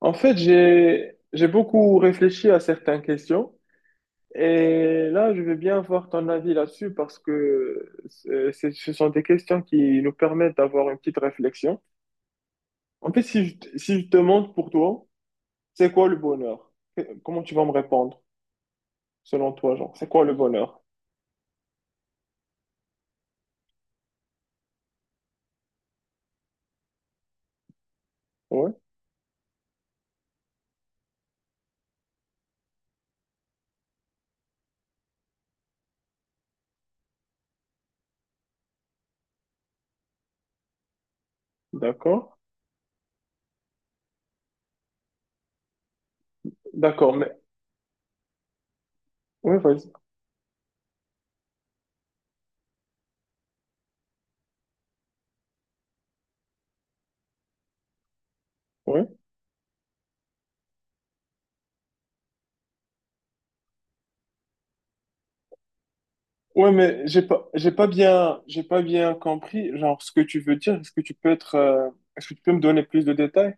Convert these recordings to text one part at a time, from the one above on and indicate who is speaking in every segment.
Speaker 1: En fait, j'ai beaucoup réfléchi à certaines questions et là, je veux bien avoir ton avis là-dessus parce que ce sont des questions qui nous permettent d'avoir une petite réflexion. En fait, si je te demande pour toi, c'est quoi le bonheur? Comment tu vas me répondre selon toi, genre, c'est quoi le bonheur? Ouais, d'accord. D'accord, mais ouais, vas-y. Ouais, ouais, mais j'ai pas bien compris genre ce que tu veux dire. Est-ce que tu peux être est-ce que tu peux me donner plus de détails?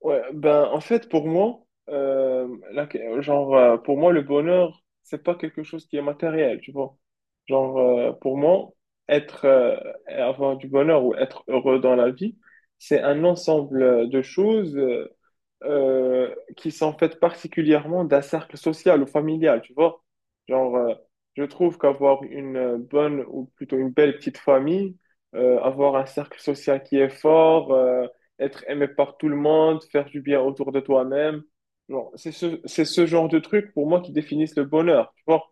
Speaker 1: Ouais, ben en fait pour moi, genre pour moi le bonheur c'est pas quelque chose qui est matériel, tu vois. Genre pour moi être avoir du bonheur ou être heureux dans la vie, c'est un ensemble de choses, qui sont faites particulièrement d'un cercle social ou familial, tu vois. Genre, je trouve qu'avoir une bonne ou plutôt une belle petite famille, avoir un cercle social qui est fort, être aimé par tout le monde, faire du bien autour de toi-même, genre, c'est ce genre de trucs pour moi qui définissent le bonheur, tu vois.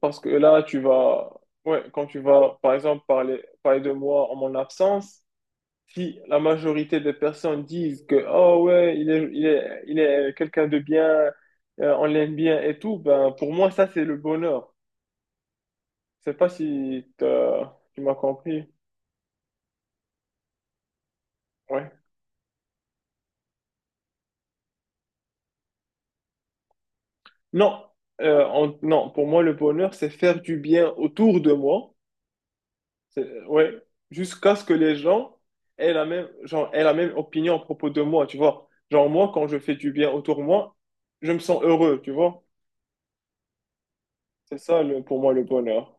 Speaker 1: Parce que là, tu vas, ouais, quand tu vas, par exemple, parler de moi en mon absence, si la majorité des personnes disent que oh ouais il est quelqu'un de bien, on l'aime bien et tout, ben pour moi ça c'est le bonheur. Je sais pas si tu m'as compris. Ouais, non, non, pour moi le bonheur c'est faire du bien autour de moi. Ouais, jusqu'à ce que les gens aient la même opinion à propos de moi, tu vois. Genre, moi quand je fais du bien autour de moi, je me sens heureux, tu vois. C'est ça le, pour moi le bonheur.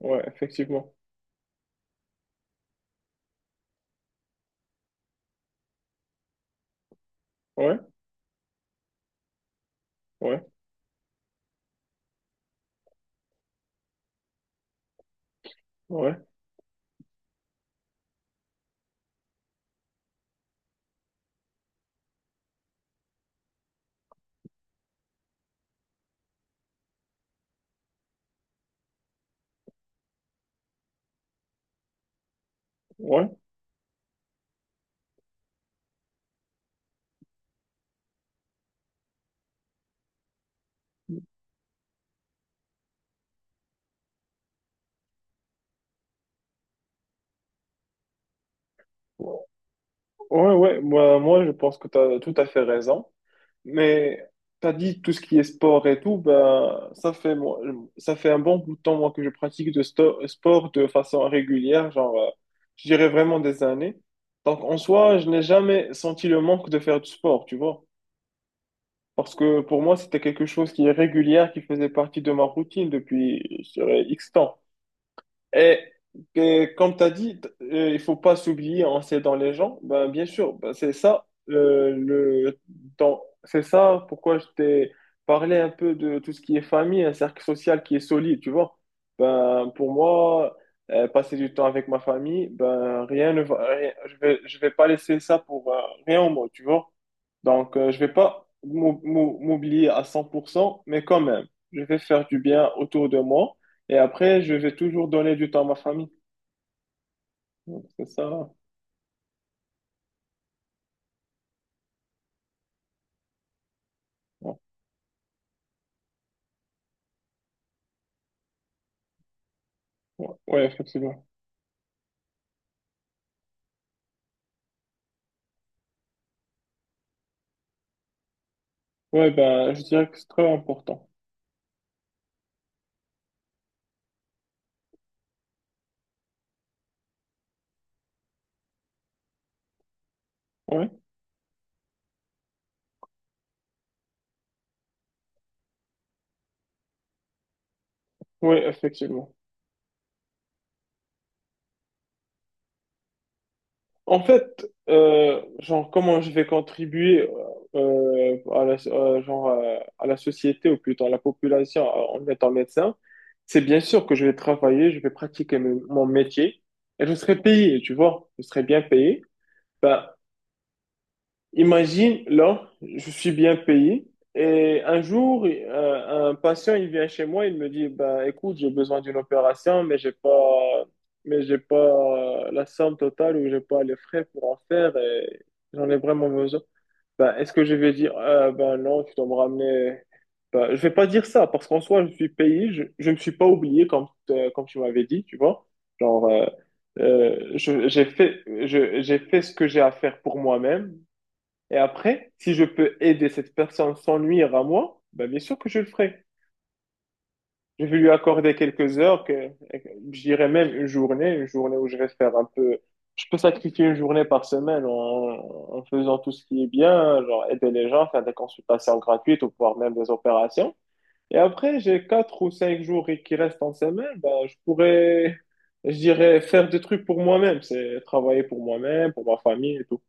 Speaker 1: Ouais, effectivement. Ouais. Ouais, ouais, ouais, ouais. Moi, je pense que tu as tout à fait raison. Mais tu as dit tout ce qui est sport et tout, ben, ça fait, moi, ça fait un bon bout de temps, moi, que je pratique de sport de façon régulière, genre, je dirais vraiment des années. Donc, en soi, je n'ai jamais senti le manque de faire du sport, tu vois. Parce que pour moi, c'était quelque chose qui est régulière, qui faisait partie de ma routine depuis, je dirais, X temps. Et que, comme tu as dit, il faut pas s'oublier en s'aidant les gens. Ben, bien sûr, ben, c'est ça, c'est ça pourquoi je t'ai parlé un peu de tout ce qui est famille, un cercle social qui est solide, tu vois. Ben, pour moi, passer du temps avec ma famille, ben, rien ne va, rien- je vais pas laisser ça pour rien au monde, tu vois. Donc, je vais pas m'oublier à 100%, mais quand même, je vais faire du bien autour de moi. Et après, je vais toujours donner du temps à ma famille. Donc, c'est ça. Ouais, ouais, effectivement. Ouais, ben, je dirais que c'est très important. Ouais, ouais, effectivement. En fait, genre, comment je vais contribuer à la société, ou plutôt à la population, en étant médecin, c'est bien sûr que je vais travailler, je vais pratiquer mon métier, et je serai payé, tu vois, je serai bien payé. Ben, imagine, là, je suis bien payé et un jour, un patient, il vient chez moi, il me dit, ben, écoute, j'ai besoin d'une opération, mais j'ai pas la somme totale ou j'ai pas les frais pour en faire et j'en ai vraiment besoin. Ben, est-ce que je vais dire, ben non, tu dois me ramener. Ben, je vais pas dire ça parce qu'en soi, je suis payé, je me suis pas oublié comme, comme tu m'avais dit, tu vois. Genre, j'ai fait, j'ai fait ce que j'ai à faire pour moi-même. Et après, si je peux aider cette personne sans nuire à moi, ben bien sûr que je le ferai. Je vais lui accorder quelques heures, que, je dirais même une journée où je vais faire un peu. Je peux sacrifier une journée par semaine en, en faisant tout ce qui est bien, genre aider les gens, faire des consultations gratuites ou voire même des opérations. Et après, j'ai quatre ou cinq jours qui restent en semaine, ben, je pourrais, je dirais, faire des trucs pour moi-même. C'est travailler pour moi-même, pour ma famille et tout.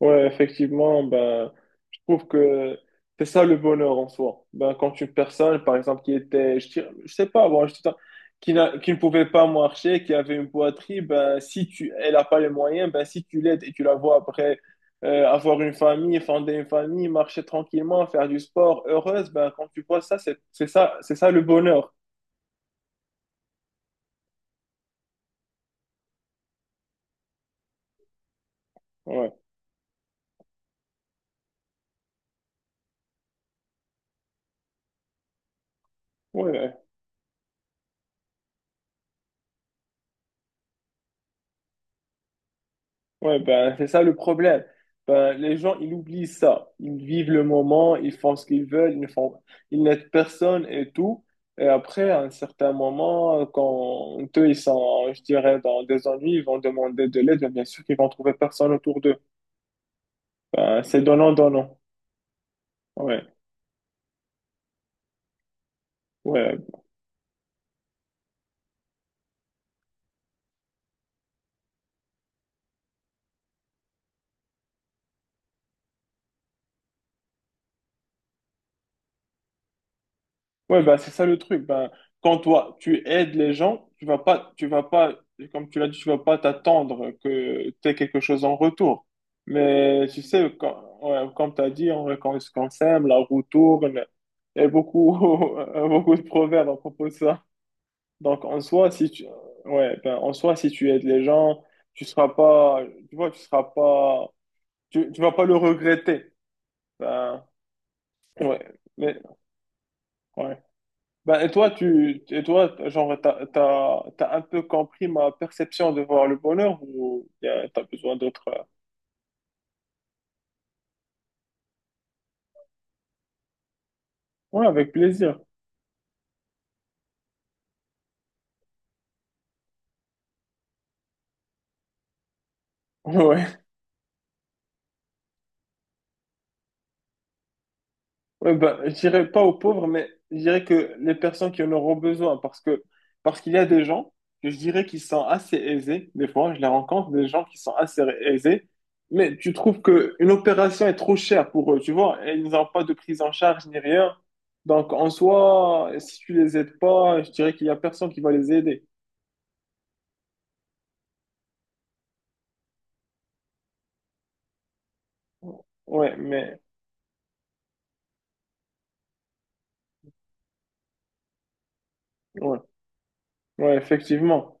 Speaker 1: Ouais, effectivement, ben, je trouve que c'est ça le bonheur en soi. Ben, quand une personne, par exemple, qui était, je sais pas, moi, je dis ça, qui, qui ne pouvait pas marcher, qui avait une boiterie, ben, si tu, elle n'a pas les moyens, ben, si tu l'aides et tu la vois après avoir une famille, fonder une famille, marcher tranquillement, faire du sport, heureuse, ben, quand tu vois ça, c'est ça le bonheur. Ouais, ouais. Ouais, ben, c'est ça le problème. Ben, les gens, ils oublient ça. Ils vivent le moment, ils font ce qu'ils veulent, ils ne font, ils n'aident personne et tout. Et après, à un certain moment, quand eux, ils sont, je dirais, dans des ennuis, ils vont demander de l'aide, mais bien sûr qu'ils vont trouver personne autour d'eux. Ben, c'est donnant, donnant. Ouais, ouais. Ouais, bah, c'est ça le truc. Ben, quand toi, tu aides les gens, tu vas pas, comme tu l'as dit, tu vas pas t'attendre que tu aies quelque chose en retour. Mais tu sais, quand, ouais, comme tu as dit, quand on s'aime, la roue tourne. Il y a beaucoup, beaucoup de proverbes à propos de ça. Donc, en soi, si tu, ouais, ben, en soi, si tu aides les gens, tu seras pas, tu seras pas, tu vas pas le regretter. Ben, ouais, mais, ouais. Ben, et toi, genre, t'as un peu compris ma perception de voir le bonheur ou t'as besoin d'autres? Ouais, avec plaisir. Ouais. Ouais, ben, je dirais pas aux pauvres, mais je dirais que les personnes qui en auront besoin, parce qu'il y a des gens que je dirais qui sont assez aisés. Des fois, je les rencontre, des gens qui sont assez aisés, mais tu trouves que une opération est trop chère pour eux, tu vois, et ils n'ont pas de prise en charge ni rien. Donc, en soi, si tu les aides pas, je dirais qu'il y a personne qui va les aider. Ouais, mais ouais, ouais, effectivement.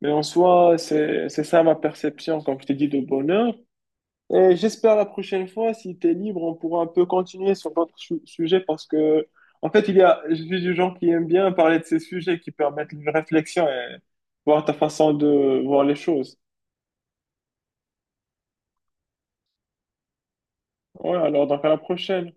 Speaker 1: Mais en soi, c'est ça ma perception, comme je t'ai dit, de bonheur. Et j'espère la prochaine fois, si tu es libre, on pourra un peu continuer sur d'autres sujets parce que, en fait, je suis du genre qui aime bien parler de ces sujets qui permettent une réflexion et voir ta façon de voir les choses. Ouais, alors donc à la prochaine.